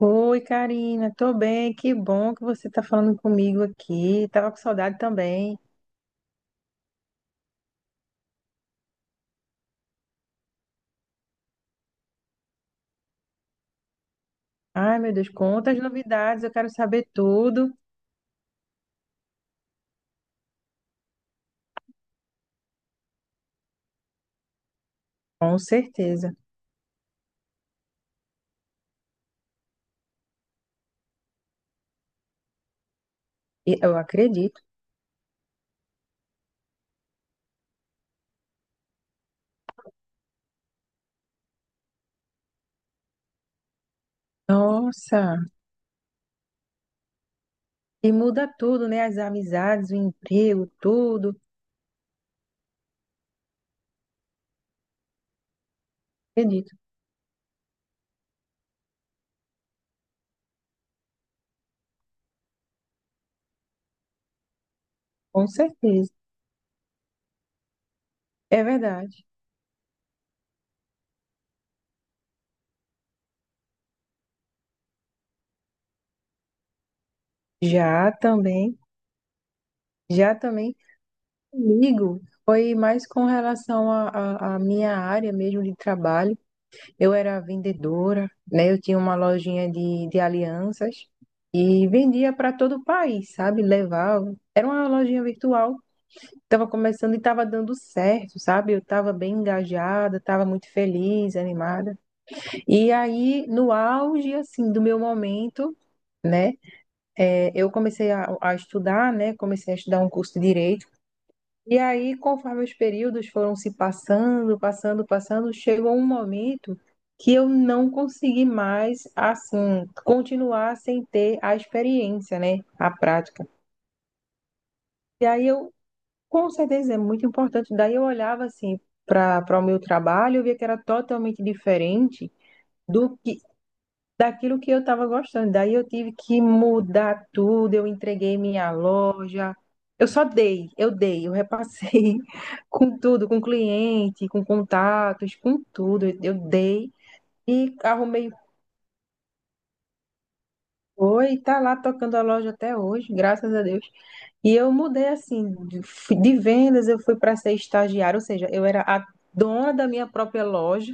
Oi, Karina, tô bem, que bom que você tá falando comigo aqui. Tava com saudade também. Ai, meu Deus, quantas novidades, eu quero saber tudo. Com certeza. E eu acredito. Nossa, e muda tudo, né? As amizades, o emprego, tudo. Acredito, com certeza. É verdade. Já também, já também comigo. Foi mais com relação à à minha área mesmo de trabalho. Eu era vendedora, né? Eu tinha uma lojinha de alianças e vendia para todo o país, sabe? Levava. Era uma lojinha virtual. Estava começando e estava dando certo, sabe? Eu estava bem engajada, estava muito feliz, animada. E aí, no auge, assim, do meu momento, né? Eu comecei a estudar, né? Comecei a estudar um curso de direito. E aí, conforme os períodos foram se passando, chegou um momento que eu não consegui mais, assim, continuar sem ter a experiência, né? A prática. E aí eu, com certeza, é muito importante. Daí eu olhava, assim, para o meu trabalho, eu via que era totalmente diferente do que daquilo que eu estava gostando. Daí eu tive que mudar tudo, eu entreguei minha loja. Eu só dei, eu repassei com tudo, com cliente, com contatos, com tudo. Eu dei e arrumei foi, e tá lá tocando a loja até hoje, graças a Deus. E eu mudei assim, de vendas eu fui para ser estagiária, ou seja, eu era a dona da minha própria loja.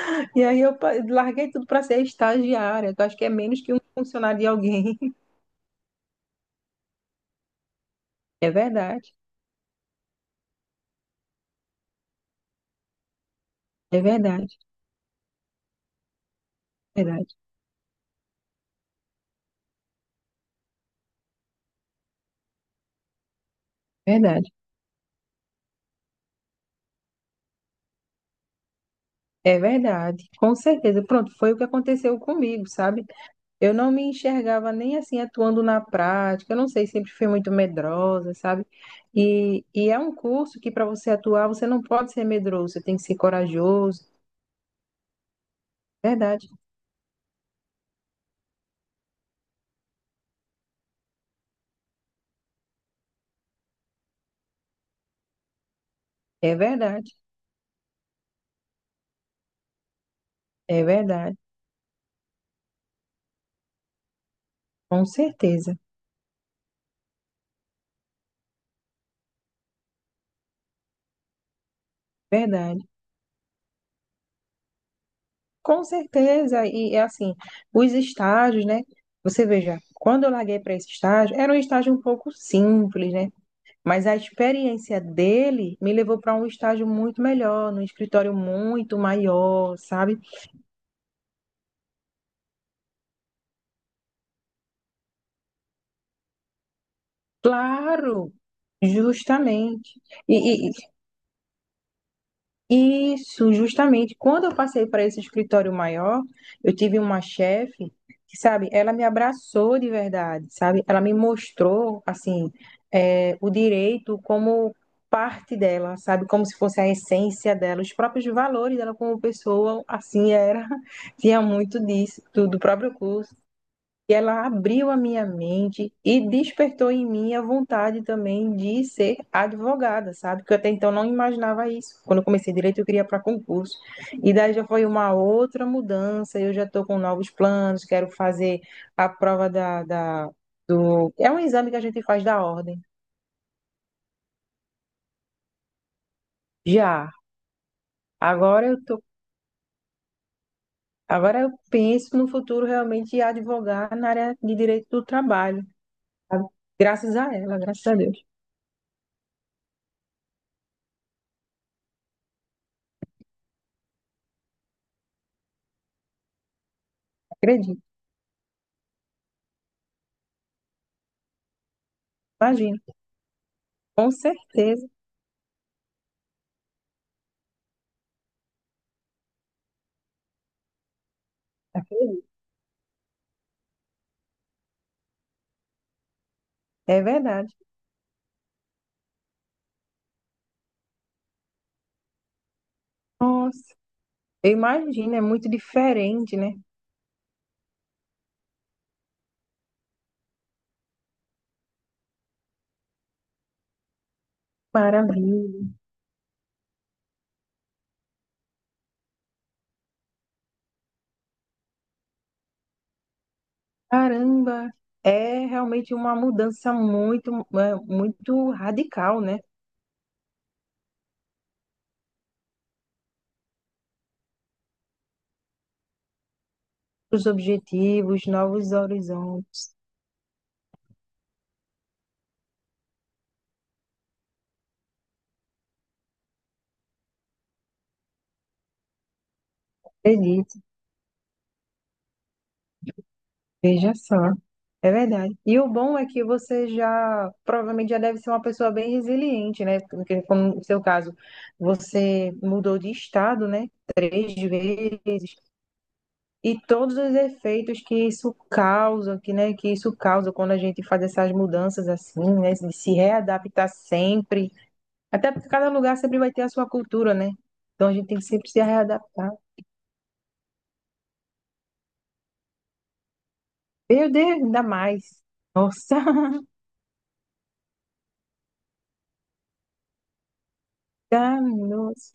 E aí eu larguei tudo para ser estagiária, que eu acho que é menos que um funcionário de alguém. É verdade. É verdade, verdade. É verdade, com certeza. Pronto, foi o que aconteceu comigo, sabe? Eu não me enxergava nem assim atuando na prática. Eu não sei, sempre fui muito medrosa, sabe? E é um curso que para você atuar, você não pode ser medroso, você tem que ser corajoso. Verdade, é verdade. Com certeza, verdade. Com certeza. E é assim, os estágios, né? Você veja, quando eu larguei para esse estágio, era um estágio um pouco simples, né? Mas a experiência dele me levou para um estágio muito melhor, num escritório muito maior, sabe? Claro, justamente. E, isso, justamente. Quando eu passei para esse escritório maior, eu tive uma chefe que, sabe, ela me abraçou de verdade, sabe? Ela me mostrou, assim, é, o direito como parte dela, sabe? Como se fosse a essência dela, os próprios valores dela como pessoa, assim era. Tinha muito disso, do próprio curso. E ela abriu a minha mente e despertou em mim a vontade também de ser advogada, sabe? Porque eu até então não imaginava isso. Quando eu comecei direito, eu queria para concurso. E daí já foi uma outra mudança. Eu já estou com novos planos, quero fazer a prova do. É um exame que a gente faz da ordem. Já. Agora eu tô, agora eu penso no futuro realmente em advogar na área de direito do trabalho. Sabe? Graças a ela, graças a Deus. Acredito. Imagina. Com certeza. É verdade. Nossa, eu imagino, é muito diferente, né? Maravilha. Caramba, é realmente uma mudança muito, é, muito radical, né? Os objetivos, novos horizontes. Acredito, veja só. É verdade. E o bom é que você já, provavelmente já deve ser uma pessoa bem resiliente, né? Porque, como no seu caso, você mudou de estado, né? Três vezes, e todos os efeitos que isso causa, que, né, que isso causa quando a gente faz essas mudanças assim, né, de se readaptar sempre. Até porque cada lugar sempre vai ter a sua cultura, né? Então a gente tem que sempre se readaptar. Meu Deus, ainda mais. Nossa, tá, nossa.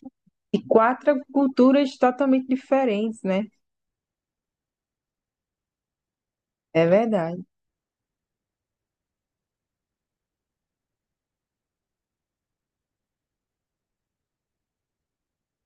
E quatro culturas totalmente diferentes, né? É verdade.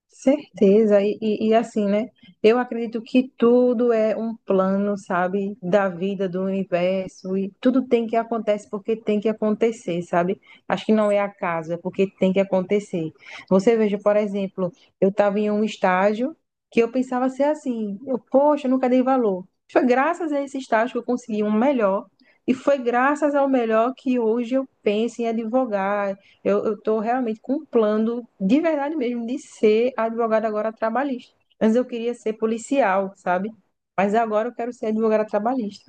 Certeza, e assim, né? Eu acredito que tudo é um plano, sabe, da vida, do universo, e tudo tem que acontecer porque tem que acontecer, sabe? Acho que não é acaso, é porque tem que acontecer. Você veja, por exemplo, eu estava em um estágio que eu pensava ser assim, eu, poxa, eu nunca dei valor. Foi graças a esse estágio que eu consegui um melhor, e foi graças ao melhor que hoje eu penso em advogar, eu, estou realmente com um plano, de verdade mesmo, de ser advogada agora trabalhista. Antes eu queria ser policial, sabe? Mas agora eu quero ser advogada trabalhista.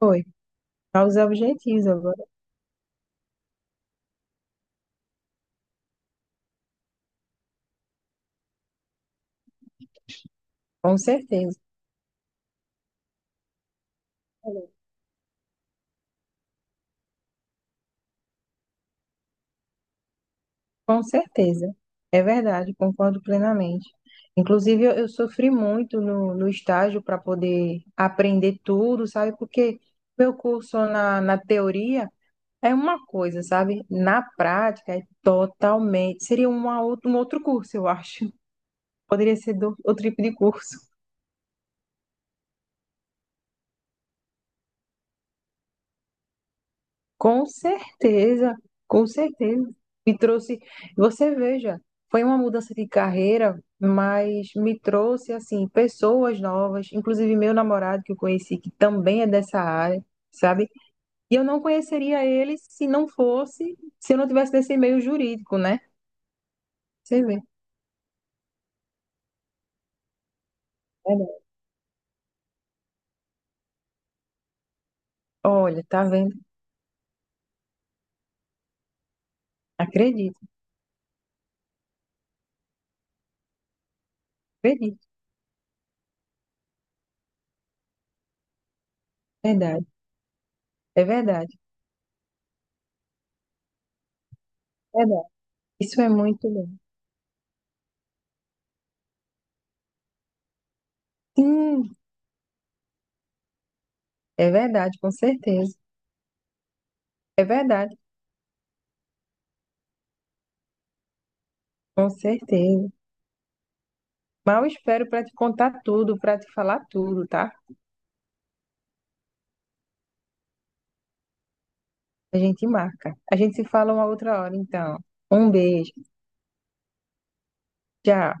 Foi. Para objetivos agora. Com certeza. Com certeza. É verdade, concordo plenamente. Inclusive, eu sofri muito no estágio para poder aprender tudo, sabe? Porque meu curso na teoria. É uma coisa, sabe? Na prática, é totalmente. Seria uma outra, um outro curso, eu acho. Poderia ser outro tipo de curso. Com certeza, com certeza. Me trouxe. Você veja, foi uma mudança de carreira, mas me trouxe, assim, pessoas novas, inclusive meu namorado que eu conheci, que também é dessa área, sabe? E eu não conheceria ele se não fosse, se eu não tivesse nesse meio jurídico, né? Você vê. É, né? Olha, tá vendo? Acredito, acredito. Verdade, é verdade. Isso é muito bom. Sim, é verdade, com certeza. É verdade, com certeza. Mal espero para te contar tudo, para te falar tudo, tá? A gente marca. A gente se fala uma outra hora, então. Um beijo. Tchau.